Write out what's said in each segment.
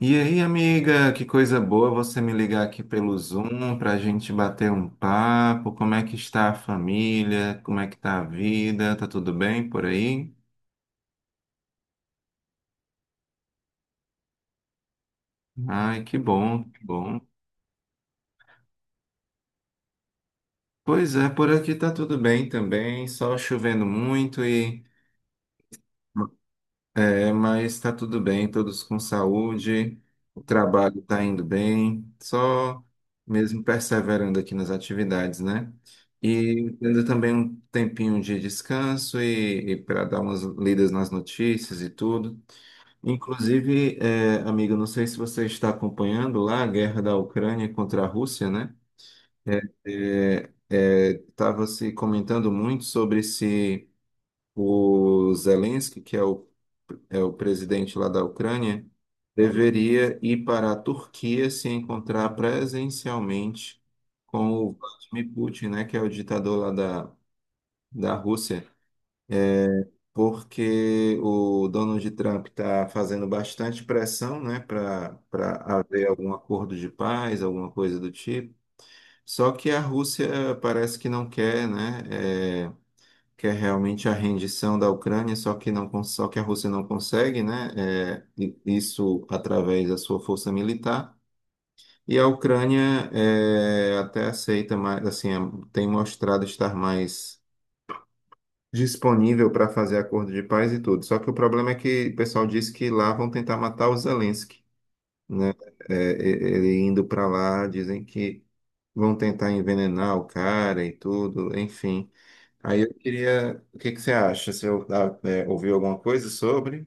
E aí, amiga, que coisa boa você me ligar aqui pelo Zoom para a gente bater um papo. Como é que está a família? Como é que está a vida? Tá tudo bem por aí? Ai, que bom, que bom. Pois é, por aqui tá tudo bem também, só chovendo muito e mas está tudo bem, todos com saúde, o trabalho está indo bem, só mesmo perseverando aqui nas atividades, né? E tendo também um tempinho de descanso e para dar umas lidas nas notícias e tudo. Inclusive, amigo, não sei se você está acompanhando lá a guerra da Ucrânia contra a Rússia, né? Estava se comentando muito sobre se o Zelensky, que é o presidente lá da Ucrânia, deveria ir para a Turquia se encontrar presencialmente com o Vladimir Putin, né, que é o ditador lá da Rússia, porque o Donald Trump está fazendo bastante pressão, né, para haver algum acordo de paz, alguma coisa do tipo. Só que a Rússia parece que não quer, né? é, que é realmente a rendição da Ucrânia, só que a Rússia não consegue, né? Isso através da sua força militar. E a Ucrânia até aceita mais, assim, tem mostrado estar mais disponível para fazer acordo de paz e tudo. Só que o problema é que o pessoal diz que lá vão tentar matar o Zelensky, né? Ele indo para lá, dizem que vão tentar envenenar o cara e tudo, enfim. Aí eu queria, o que que você acha? Você ouviu alguma coisa sobre?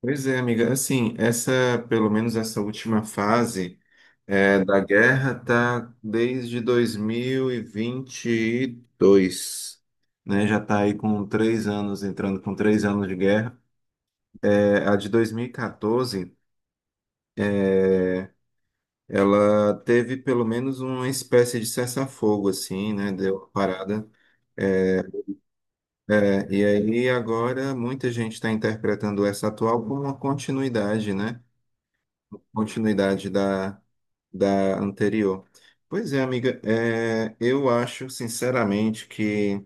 Pois é, amiga. Assim, pelo menos essa última fase da guerra tá desde dois mil e vinte e dois, né? Já tá aí com 3 anos, entrando com 3 anos de guerra. É, a de 2014, ela teve pelo menos uma espécie de cessar-fogo, assim, né? Deu uma parada. É, e aí agora muita gente está interpretando essa atual como uma continuidade, né? Continuidade da anterior. Pois é, amiga, eu acho sinceramente que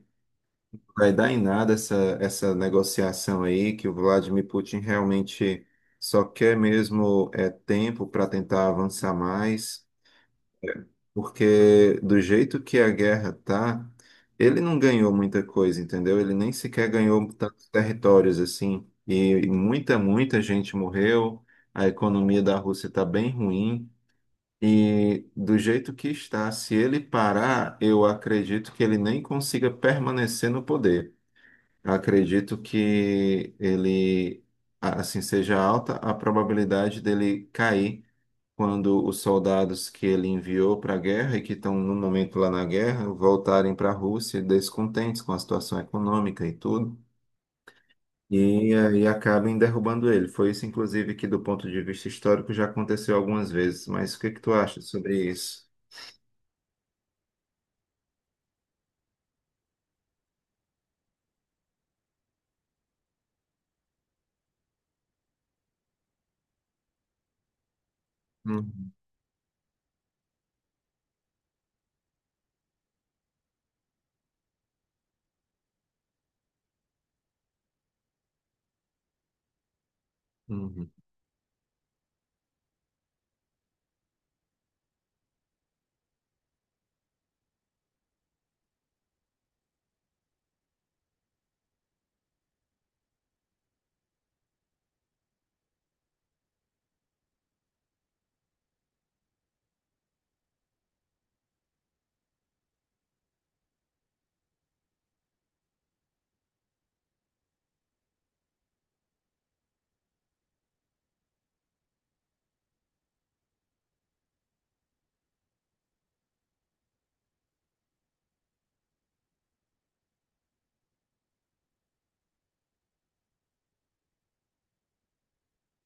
vai dar em nada essa negociação aí, que o Vladimir Putin realmente só quer mesmo tempo para tentar avançar mais. Porque do jeito que a guerra tá, ele não ganhou muita coisa, entendeu? Ele nem sequer ganhou tantos territórios assim. E muita, muita gente morreu. A economia da Rússia está bem ruim. E do jeito que está, se ele parar, eu acredito que ele nem consiga permanecer no poder. Acredito que ele, assim, seja alta a probabilidade dele cair quando os soldados que ele enviou para a guerra e que estão no momento lá na guerra voltarem para a Rússia descontentes com a situação econômica e tudo, e aí acabem derrubando ele. Foi isso, inclusive, que do ponto de vista histórico já aconteceu algumas vezes. Mas o que que tu acha sobre isso? Uhum, uhum.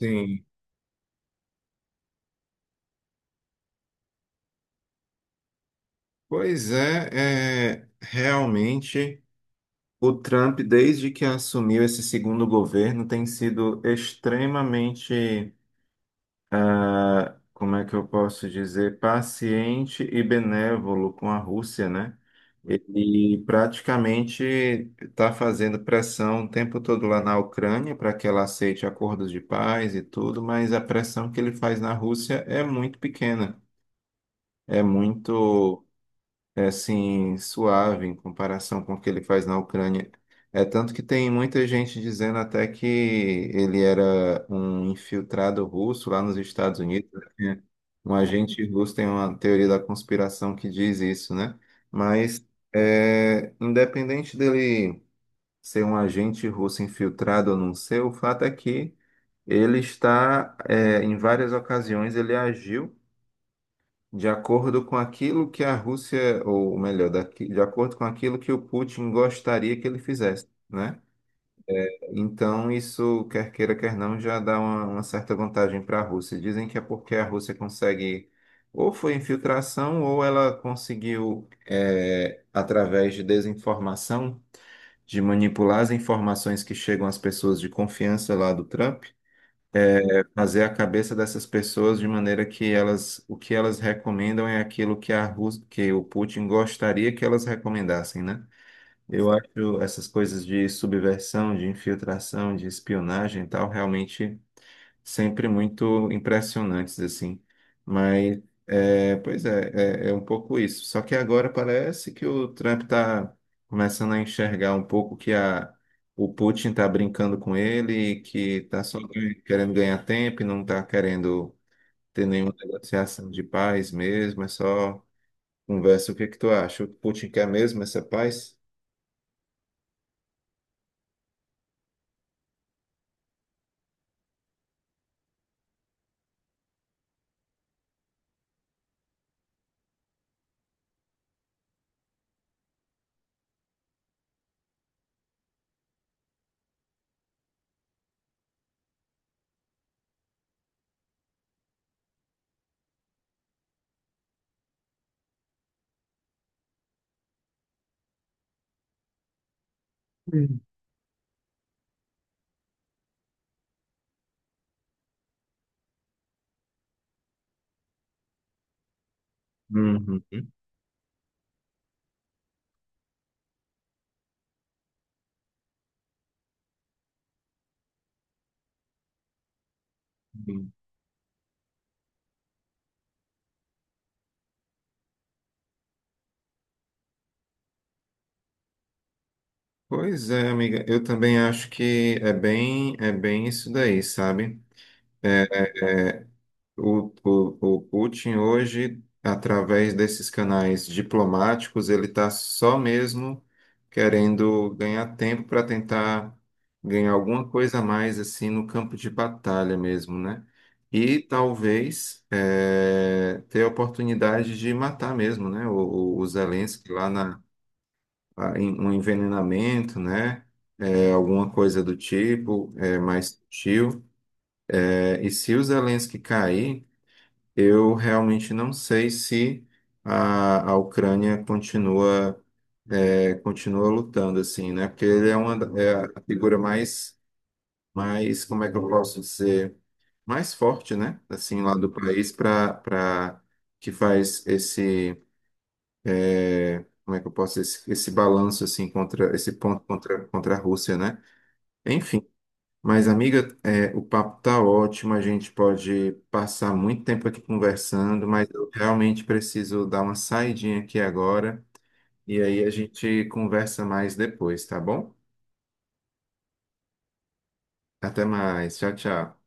Sim, pois é, realmente o Trump, desde que assumiu esse segundo governo, tem sido extremamente como é que eu posso dizer, paciente e benévolo com a Rússia, né? Ele praticamente está fazendo pressão o tempo todo lá na Ucrânia para que ela aceite acordos de paz e tudo, mas a pressão que ele faz na Rússia é muito pequena, é muito é assim, suave em comparação com o que ele faz na Ucrânia. É tanto que tem muita gente dizendo até que ele era um infiltrado russo lá nos Estados Unidos, né? Um agente russo, tem uma teoria da conspiração que diz isso, né? Mas independente dele ser um agente russo infiltrado ou não ser, o fato é que ele em várias ocasiões, ele agiu de acordo com aquilo que a Rússia, ou melhor, de acordo com aquilo que o Putin gostaria que ele fizesse, né? Então, isso, quer queira, quer não, já dá uma certa vantagem para a Rússia. Dizem que é porque a Rússia consegue, ou foi infiltração, ou ela conseguiu, através de desinformação, de manipular as informações que chegam às pessoas de confiança lá do Trump, fazer a cabeça dessas pessoas de maneira que elas, o que elas recomendam é aquilo que que o Putin gostaria que elas recomendassem, né? Eu acho essas coisas de subversão, de infiltração, de espionagem e tal realmente sempre muito impressionantes, assim. Mas, pois é, um pouco isso. Só que agora parece que o Trump está começando a enxergar um pouco que o Putin está brincando com ele, e que está só querendo ganhar tempo e não está querendo ter nenhuma negociação de paz mesmo, é só conversa. O que é que tu acha? O Putin quer mesmo essa paz? Hum. Uhum. Pois é, amiga, eu também acho que é bem isso daí, sabe? O Putin hoje, através desses canais diplomáticos, ele está só mesmo querendo ganhar tempo para tentar ganhar alguma coisa a mais assim no campo de batalha mesmo, né? E talvez ter a oportunidade de matar mesmo, né? O Zelensky lá na um envenenamento, né? Alguma coisa do tipo, mais sutil. E se o Zelensky cair, eu realmente não sei se a Ucrânia continua, continua lutando assim, né? Porque ele é é a figura mais, como é que eu posso dizer, mais forte, né? Assim, lá do país, para para que faz esse, como é que eu posso, esse balanço assim contra, esse ponto contra a Rússia, né? Enfim. Mas, amiga, o papo tá ótimo, a gente pode passar muito tempo aqui conversando, mas eu realmente preciso dar uma saidinha aqui agora, e aí a gente conversa mais depois, tá bom? Até mais, tchau, tchau.